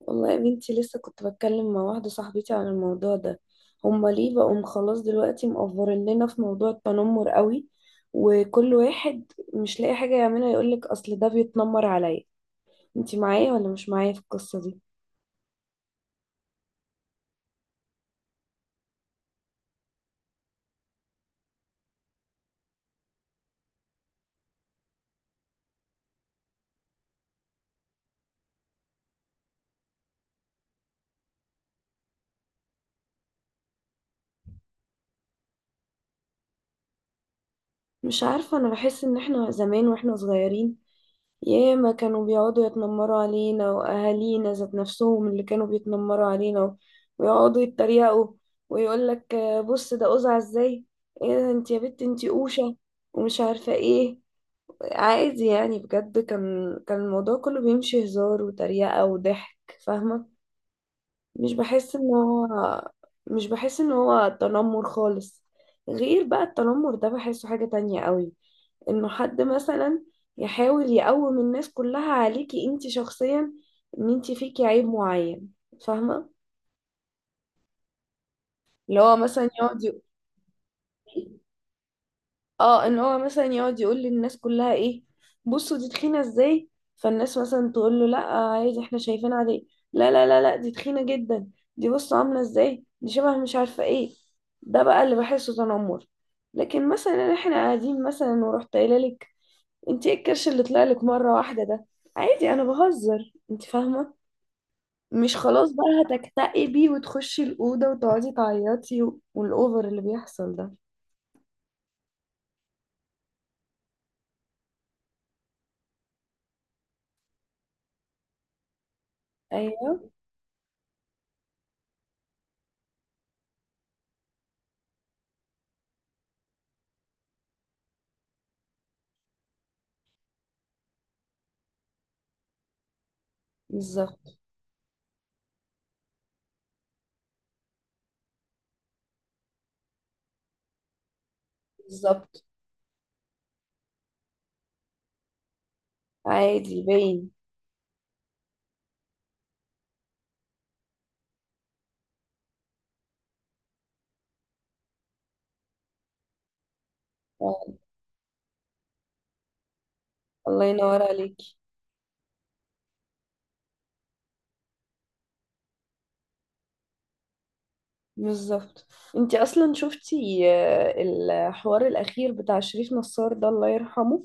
والله يا بنتي لسه كنت بتكلم مع واحدة صاحبتي عن الموضوع ده. هما ليه بقوا خلاص دلوقتي مقفرين لنا في موضوع التنمر قوي؟ وكل واحد مش لاقي حاجة يعملها يقولك أصل ده بيتنمر عليا. انتي معايا ولا مش معايا في القصة دي؟ مش عارفة، أنا بحس إن احنا زمان واحنا صغيرين ياما كانوا بيقعدوا يتنمروا علينا، وأهالينا ذات نفسهم اللي كانوا بيتنمروا علينا ويقعدوا يتريقوا ويقول لك بص ده قزع ازاي، ايه ده انت يا بنت انت قوشة، ومش عارفة ايه. عادي يعني، بجد كان الموضوع كله بيمشي هزار وتريقة وضحك، فاهمة؟ مش بحس ان هو مش بحس ان هو تنمر خالص. غير بقى التنمر ده بحسه حاجة تانية قوي، انه حد مثلا يحاول يقوم الناس كلها عليكي انت شخصيا، ان انت فيكي عيب معين، فاهمه؟ اللي هو مثلا يقعد يقول، اه، ان هو مثلا يقعد يقول للناس كلها ايه، بصوا دي تخينه ازاي. فالناس مثلا تقول له لا عادي احنا شايفين عادي. لا لا لا لا دي تخينه جدا، دي بصوا عامله ازاي، دي شبه مش عارفه ايه. ده بقى اللي بحسه تنمر. لكن مثلا احنا قاعدين مثلا ورحت قايله لك انت ايه الكرش اللي طلع لك مره واحده ده، عادي انا بهزر، انت فاهمه؟ مش خلاص بقى هتكتئبي وتخشي الاوضه وتقعدي تعيطي والاوفر اللي بيحصل ده. ايوه بالظبط. بالظبط. عادي باين. آه، الله ينور عليكي. بالظبط. انت اصلا شفتي، الحوار الاخير بتاع شريف نصار ده، الله يرحمه.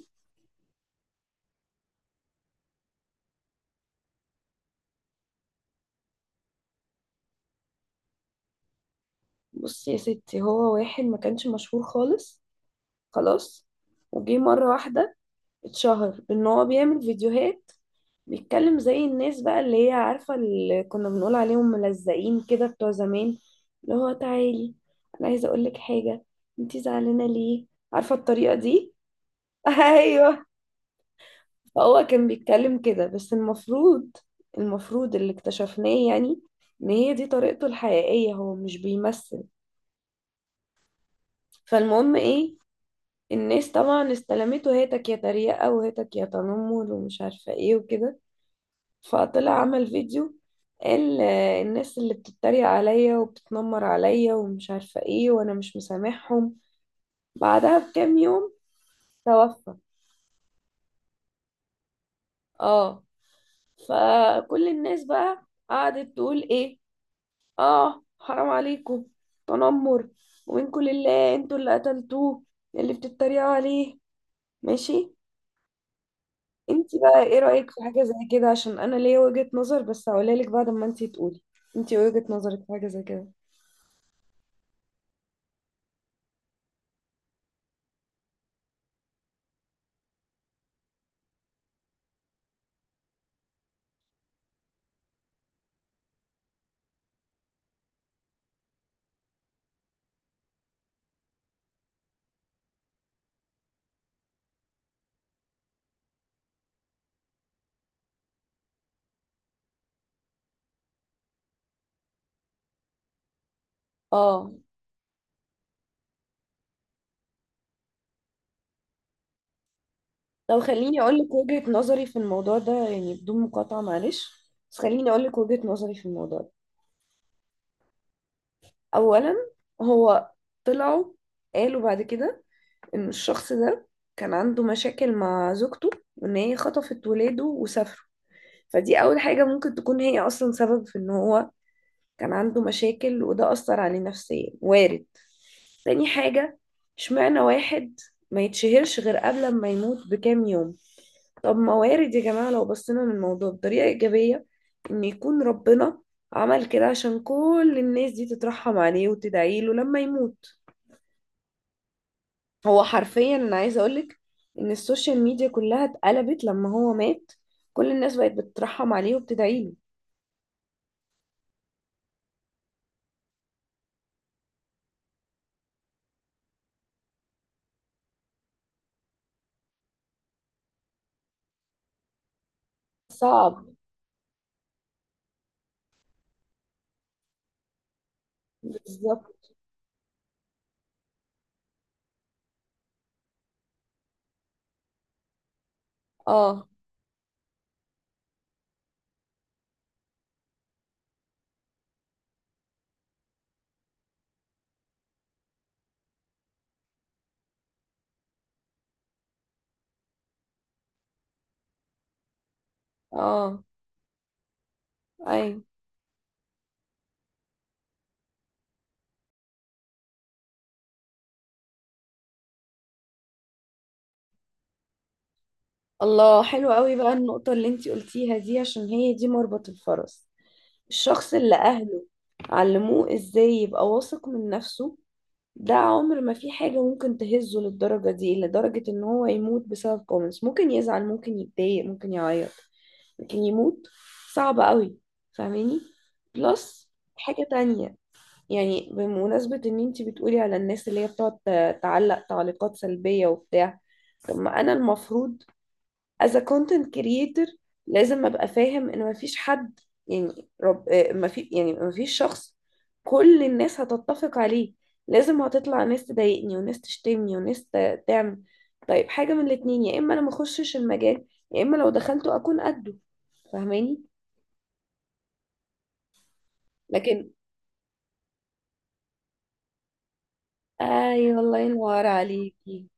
بصي يا ستي، هو واحد ما كانش مشهور خالص، خلاص. وجي مره واحده اتشهر بان هو بيعمل فيديوهات، بيتكلم زي الناس بقى اللي هي عارفة اللي كنا بنقول عليهم ملزقين كده بتوع زمان، اللي هو تعالي انا عايزة اقولك حاجة، انتي زعلانة ليه، عارفة الطريقة دي؟ ايوه. هو كان بيتكلم كده. بس المفروض، المفروض اللي اكتشفناه يعني ان هي دي طريقته الحقيقية، هو مش بيمثل. فالمهم ايه، الناس طبعا استلمته، هاتك يا تريقة وهاتك يا تنمر ومش عارفة ايه وكده. فطلع عمل فيديو، قال الناس اللي بتتريق عليا وبتتنمر عليا ومش عارفة ايه وانا مش مسامحهم. بعدها بكام يوم توفى. اه. فكل الناس بقى قعدت تقول ايه، اه حرام عليكم، تنمر، ومنكم لله انتوا اللي قتلتوه، اللي بتتريقوا عليه. ماشي. انت بقى ايه رأيك في حاجة زي كده؟ عشان انا ليا وجهة نظر بس هقولها لك بعد ما انت تقولي. انت وجهة نظرك في حاجة زي كده؟ اه. لو خليني اقول لك وجهة نظري في الموضوع ده يعني بدون مقاطعة، معلش، بس خليني اقول لك وجهة نظري في الموضوع ده. اولا، هو طلعوا قالوا بعد كده ان الشخص ده كان عنده مشاكل مع زوجته، وان هي خطفت ولاده وسافروا. فدي اول حاجة، ممكن تكون هي اصلا سبب في ان هو كان عنده مشاكل وده اثر عليه نفسيا، وارد. تاني حاجة، اشمعنى واحد ما يتشهرش غير قبل ما يموت بكام يوم؟ طب ما وارد يا جماعة لو بصينا للموضوع بطريقة إيجابية، إن يكون ربنا عمل كده عشان كل الناس دي تترحم عليه وتدعي له لما يموت. هو حرفيا أنا عايزة أقولك إن السوشيال ميديا كلها اتقلبت لما هو مات، كل الناس بقت بتترحم عليه وبتدعي له. صعب. بالظبط. اه. اه. ايوه. الله، حلو قوي بقى النقطة اللي انتي قلتيها دي، عشان هي دي مربط الفرس. الشخص اللي أهله علموه ازاي يبقى واثق من نفسه، ده عمر ما في حاجة ممكن تهزه للدرجة دي، لدرجة ان هو يموت بسبب كومنتس. ممكن يزعل، ممكن يتضايق، ممكن يعيط، لكن يموت، صعب قوي، فاهماني؟ بلس، حاجة تانية، يعني بمناسبة ان انتي بتقولي على الناس اللي هي بتقعد تعلق تعليقات سلبية وبتاع. طب ما انا المفروض as a content creator لازم ابقى فاهم ان مفيش حد، يعني رب، ما في، يعني مفيش شخص كل الناس هتتفق عليه. لازم هتطلع ناس تضايقني وناس تشتمني وناس تعمل. طيب حاجة من الاتنين، يا اما انا ما اخشش المجال، يا اما لو دخلته اكون قده، فاهماني؟ لكن، ايوه، الله ينور عليكي.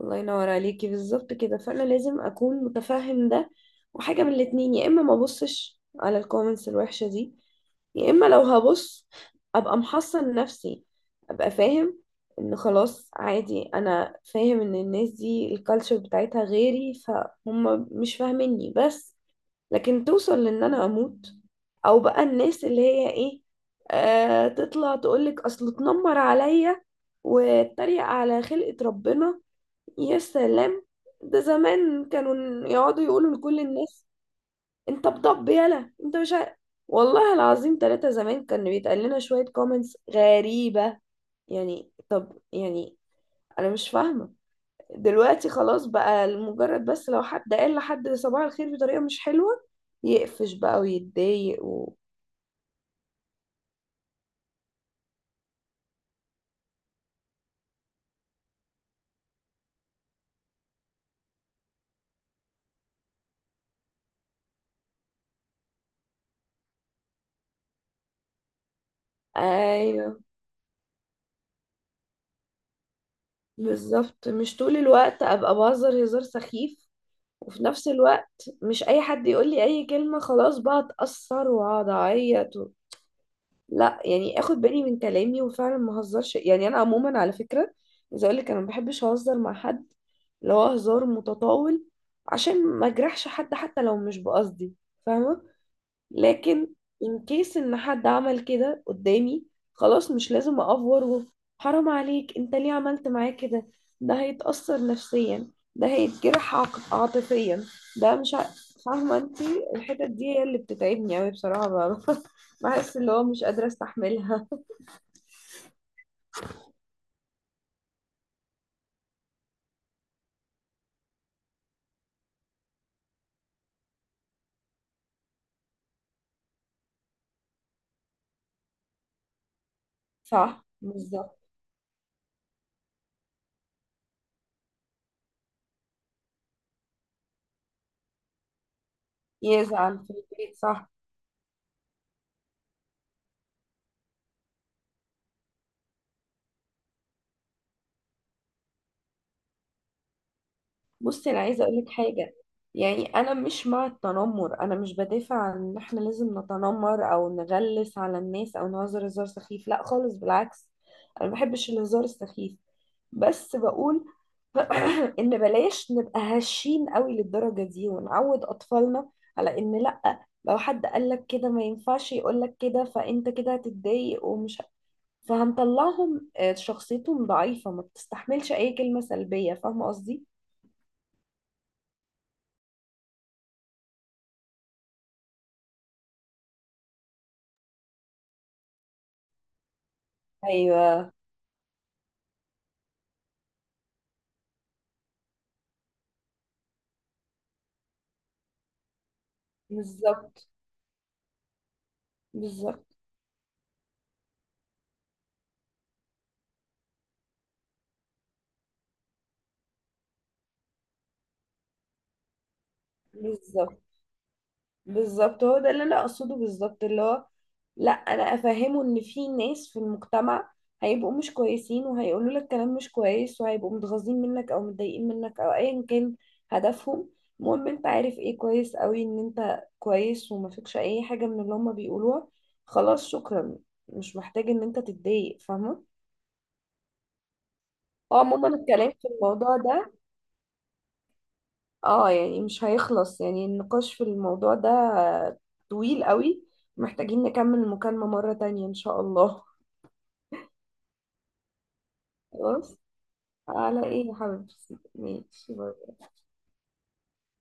الله ينور عليكي بالظبط كده. فانا لازم اكون متفهم ده، وحاجة من الاتنين، يا اما ما ابصش على الكومنتس الوحشة دي، يا اما لو هبص ابقى محصن نفسي، ابقى فاهم ان خلاص عادي، انا فاهم ان الناس دي الكالتشر بتاعتها غيري فهم مش فاهميني بس. لكن توصل لان انا اموت، او بقى الناس اللي هي ايه، آه، تطلع تقولك اصل اتنمر عليا واتريق على خلقة ربنا، يا سلام! ده زمان كانوا يقعدوا يقولوا لكل الناس انت بطب يلا انت مش عارف. والله العظيم ثلاثة، زمان كان بيتقال لنا شوية كومنتس غريبة. يعني طب يعني انا مش فاهمة، دلوقتي خلاص بقى لمجرد بس لو حد قال لحد صباح الخير بطريقة مش حلوة يقفش بقى ويتضايق و... ايوه بالظبط، مش طول الوقت ابقى بهزر هزار سخيف، وفي نفس الوقت مش اي حد يقول لي اي كلمة خلاص بقى اتأثر واقعد اعيط. لا يعني اخد بالي من كلامي وفعلا ما اهزرش، يعني انا عموما على فكره عايزه اقول لك انا ما بحبش اهزر مع حد، اللي هو هزار متطاول، عشان ما اجرحش حد حتى لو مش بقصدي، فاهمه؟ لكن ان كيس ان حد عمل كده قدامي، خلاص مش لازم اقفور حرام عليك انت ليه عملت معاه كده، ده هيتأثر نفسيا، ده هيتجرح عاطفيا، ده مش ع- فاهمة انت؟ الحتت دي هي اللي بتتعبني اوي بصراحة، بحس اللي هو مش قادرة استحملها. صح بالظبط. يزعل في البيت، صح. بصي انا عايزه اقول لك حاجه، يعني انا مش مع التنمر، انا مش بدافع عن ان احنا لازم نتنمر او نغلس على الناس او نهزر هزار سخيف، لا خالص، بالعكس، انا ما بحبش الهزار السخيف. بس بقول ان بلاش نبقى هشين قوي للدرجه دي، ونعود اطفالنا على ان لا لو حد قال لك كده ما ينفعش يقول لك كده فانت كده هتتضايق فهنطلعهم، آه، شخصيتهم ضعيفه ما بتستحملش اي كلمه سلبيه، فاهمه قصدي؟ بالظبط، بالظبط، بالظبط، بالظبط هو ده اللي انا اقصده بالظبط. اللي هو لا، انا افهمه ان في ناس في المجتمع هيبقوا مش كويسين وهيقولوا لك كلام مش كويس وهيبقوا متغاظين منك او متضايقين منك او ايا كان هدفهم. المهم انت عارف ايه، كويس قوي ان انت كويس وما فيكش اي حاجة من اللي هما بيقولوها، خلاص، شكرا، مش محتاج ان انت تتضايق، فاهمة؟ اه عموما الكلام في الموضوع ده، اه، يعني مش هيخلص، يعني النقاش في الموضوع ده طويل قوي، محتاجين نكمل المكالمة مرة تانية إن شاء الله. خلاص، على ايه يا حبيبتي، ماشي، باي.